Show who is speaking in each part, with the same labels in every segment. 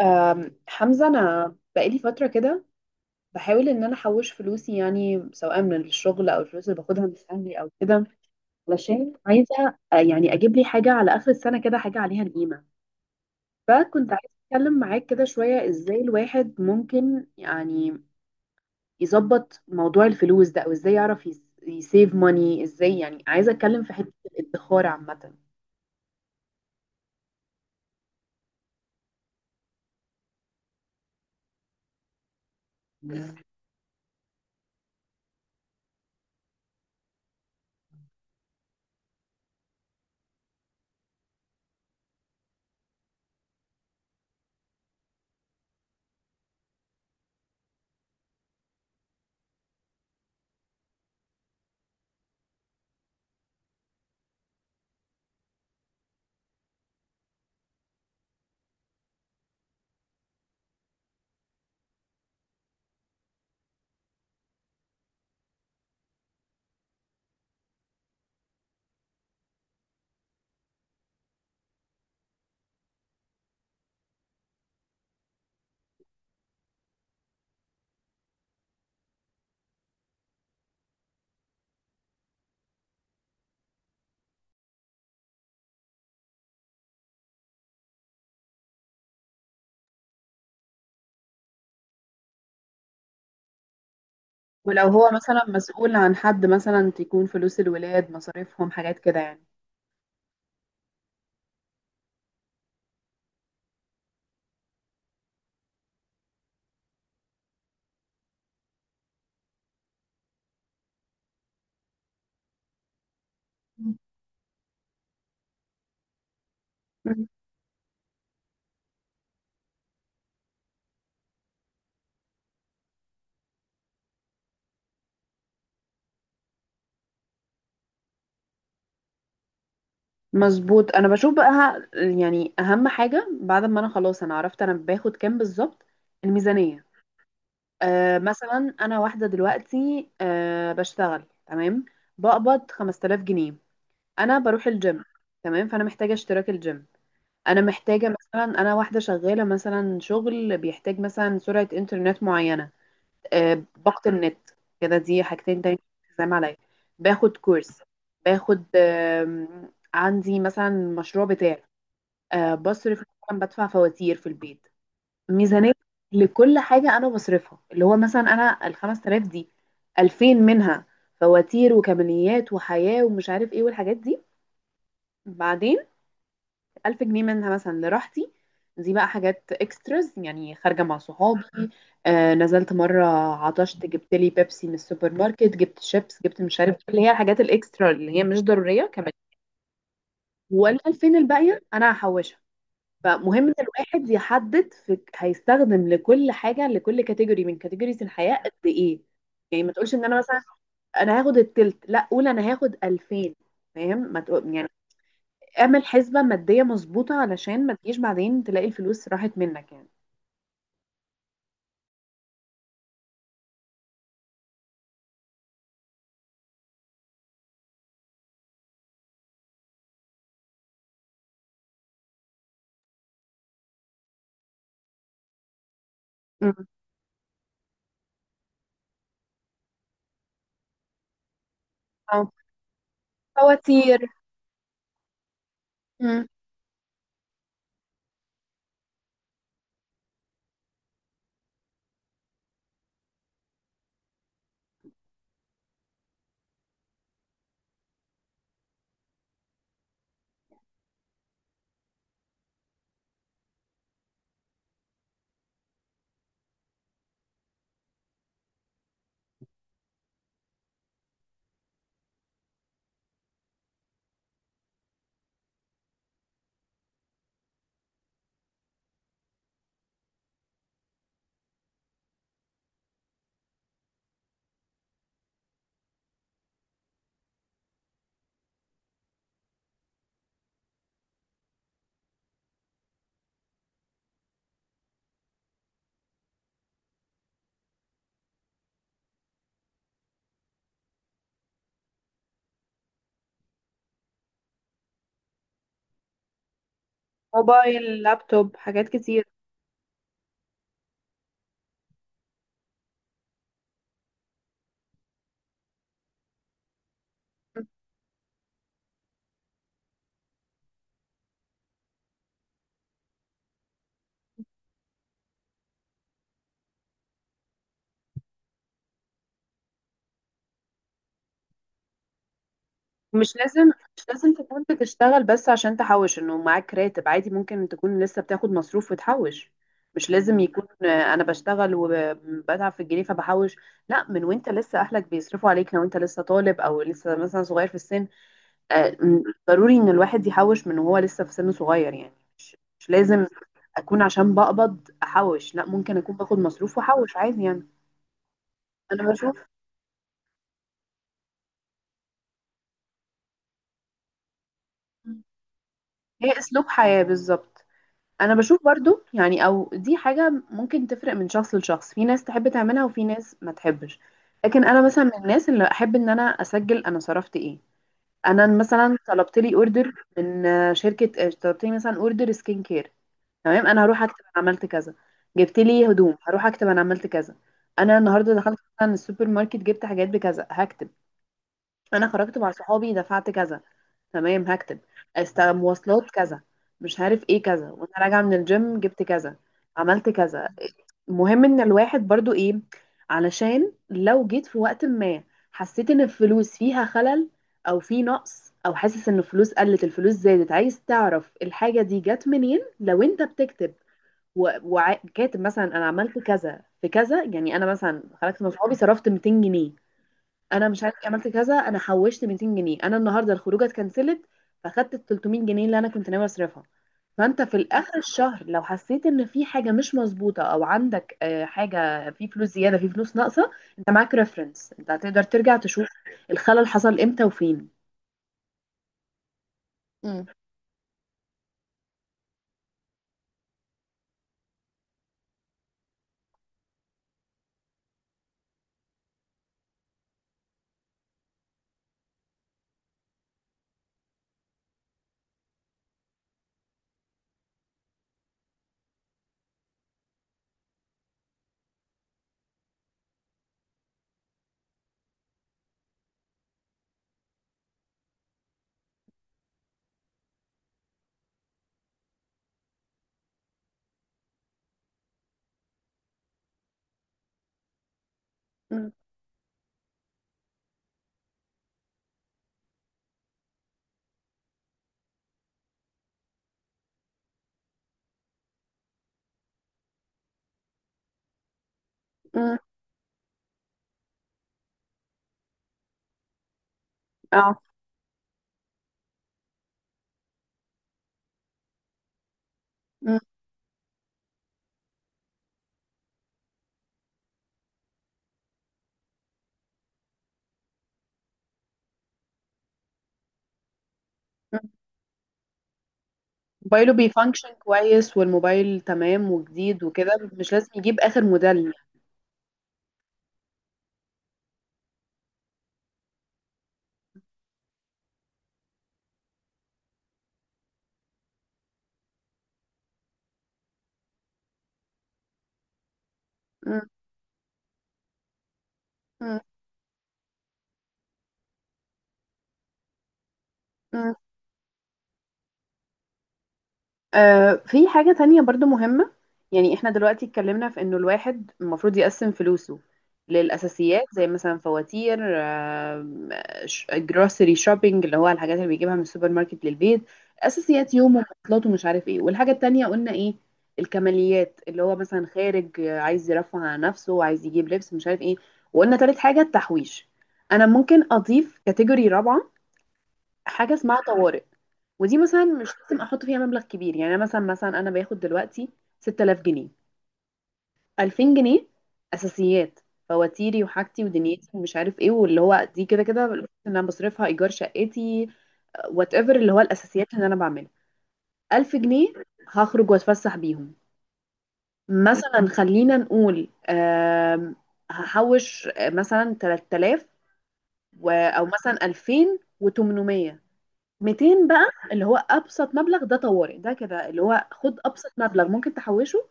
Speaker 1: حمزة، أنا بقالي فترة كده بحاول إن أنا أحوش فلوسي، يعني سواء من الشغل أو الفلوس اللي باخدها من أهلي أو كده، علشان عايزة يعني أجيب لي حاجة على آخر السنة، كده حاجة عليها القيمة. فكنت عايزة أتكلم معاك كده شوية إزاي الواحد ممكن يعني يظبط موضوع الفلوس ده، أو إزاي يعرف يسيف ماني. إزاي يعني عايزة أتكلم في حتة الادخار عامة. ولو هو مثلا مسؤول عن حد، مثلا تكون فلوس الولاد مصاريفهم حاجات كده. يعني مظبوط. انا بشوف بقى يعني اهم حاجه بعد ما انا خلاص انا عرفت انا باخد كام بالظبط، الميزانيه. آه مثلا انا واحده دلوقتي، آه بشتغل، تمام، بقبض 5000 جنيه. انا بروح الجيم، تمام، فانا محتاجه اشتراك الجيم. انا محتاجه مثلا، انا واحده شغاله مثلا شغل بيحتاج مثلا سرعه انترنت معينه، باقه النت، كده دي حاجتين تاني. زي ما عليا باخد كورس، باخد عندي مثلا مشروع بتاعي. بصرف، مثلا بدفع فواتير في البيت. ميزانية لكل حاجة أنا بصرفها، اللي هو مثلا أنا الخمس تلاف دي، ألفين منها فواتير وكماليات وحياة ومش عارف إيه والحاجات دي. بعدين ألف جنيه منها مثلا لراحتي، دي بقى حاجات اكستراز، يعني خارجة مع صحابي. آه نزلت مرة، عطشت، جبت لي بيبسي من السوبر ماركت، جبت شيبس، جبت مش عارف إيه، اللي هي الحاجات الاكسترا اللي هي مش ضرورية كمان. والألفين الباقية أنا هحوشها. فمهم ان الواحد يحدد في هيستخدم لكل حاجه، لكل كاتيجوري من كاتيجوريز الحياه قد ايه. يعني ما تقولش ان انا مثلا انا هاخد التلت، لا قول انا هاخد 2000. فاهم ما تقول يعني؟ اعمل حسبه ماديه مظبوطه علشان ما تجيش بعدين تلاقي الفلوس راحت منك يعني. مم. اه. فواتير. مم. موبايل، لابتوب، حاجات كتير. مش لازم مش لازم تكون بتشتغل بس عشان تحوش، انه معاك راتب عادي. ممكن تكون لسه بتاخد مصروف وتحوش. مش لازم يكون انا بشتغل وبتعب في الجنيه فبحوش، لا، من وانت لسه اهلك بيصرفوا عليك، لو انت لسه طالب او لسه مثلا صغير في السن، ضروري ان الواحد يحوش من وهو لسه في سن صغير يعني. مش لازم اكون عشان بقبض احوش، لا، ممكن اكون باخد مصروف واحوش عادي يعني. انا بشوف هي اسلوب حياة بالظبط. انا بشوف برضو يعني، او دي حاجة ممكن تفرق من شخص لشخص، في ناس تحب تعملها وفي ناس ما تحبش. لكن انا مثلا من الناس اللي احب ان انا اسجل انا صرفت ايه. انا مثلا طلبت لي اوردر من شركة، طلبت لي مثلا اوردر سكين كير، تمام، انا هروح اكتب انا عملت كذا. جبت لي هدوم، هروح اكتب انا عملت كذا. انا النهارده دخلت مثلا السوبر ماركت، جبت حاجات بكذا، هكتب. انا خرجت مع صحابي دفعت كذا، تمام، هكتب. مواصلات كذا، مش عارف ايه كذا، وانا راجعه من الجيم جبت كذا، عملت كذا. المهم ان الواحد برضو ايه، علشان لو جيت في وقت ما حسيت ان الفلوس فيها خلل، او في نقص، او حاسس ان الفلوس قلت، الفلوس زادت، عايز تعرف الحاجه دي جت منين. لو انت بتكتب وكاتب مثلا انا عملت كذا في كذا، يعني انا مثلا خرجت مع صحابي صرفت 200 جنيه، انا مش عارف إيه، عملت كذا، انا حوشت 200 جنيه، انا النهارده الخروجه اتكنسلت فاخدت ال 300 جنيه اللي انا كنت ناوي اصرفها. فانت في الاخر الشهر لو حسيت ان في حاجه مش مظبوطه، او عندك حاجه في فلوس زياده، في فلوس ناقصه، انت معاك ريفرنس انت هتقدر ترجع تشوف الخلل حصل امتى وفين. مم. مم. مم. اه. مم. مم. موبايله بيفانكشن كويس، والموبايل تمام وجديد وكده، مش لازم يجيب اخر موديل. مم. مم. آه في حاجة تانية برضو مهمة. يعني احنا دلوقتي اتكلمنا في انه الواحد المفروض يقسم فلوسه للأساسيات زي مثلا فواتير، جروسري شوبينج اللي هو الحاجات اللي بيجيبها من السوبر ماركت للبيت، أساسيات يومه ومواصلاته ومش عارف ايه. والحاجة التانية قلنا ايه، الكماليات، اللي هو مثلا خارج عايز يرفه عن نفسه، عايز يجيب لبس، مش عارف ايه. وقلنا تالت حاجة التحويش. أنا ممكن أضيف كاتيجوري رابعة، حاجة اسمها طوارئ. ودي مثلا مش لازم احط فيها مبلغ كبير، يعني أنا مثلا، انا باخد دلوقتي 6000 جنيه، 2000 جنيه اساسيات، فواتيري وحاجتي ودنيتي ومش عارف ايه، واللي هو دي كده كده الفلوس اللي انا بصرفها، ايجار شقتي وات ايفر، اللي هو الاساسيات اللي انا بعملها. 1000 جنيه هخرج واتفسح بيهم، مثلا خلينا نقول. هحوش مثلا 3000، او مثلا 2800. 200 بقى، اللي هو ابسط مبلغ، ده طوارئ، ده كده اللي هو خد ابسط مبلغ ممكن تحوشه.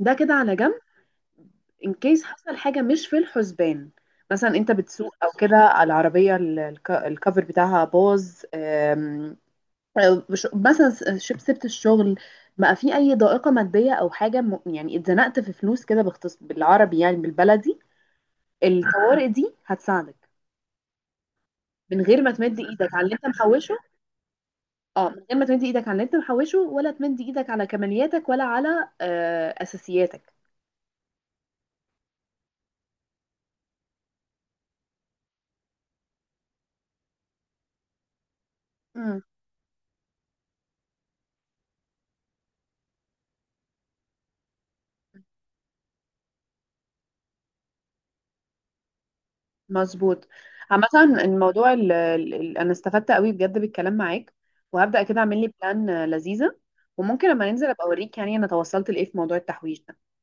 Speaker 1: ده كده على جنب، ان كيس حصل حاجه مش في الحسبان. مثلا انت بتسوق او كده، العربيه الكفر بتاعها باظ. أو مثلا شب سبت الشغل، بقى في اي ضائقه ماديه او حاجه يعني اتزنقت في فلوس كده، باختص بالعربي يعني، بالبلدي. الطوارئ دي هتساعدك من غير ما تمد ايدك على اللي انت محوشه. اه، من غير ما تمدي ايدك على اللي انت محوشه، ولا تمدي ايدك على كمالياتك، ولا على اساسياتك. امم مظبوط. عامة الموضوع ال ال ال انا استفدت قوي بجد بالكلام معاك، وهبدأ كده اعمل لي بلان لذيذة. وممكن لما ننزل ابقى اوريك يعني انا توصلت لايه في موضوع التحويش ده.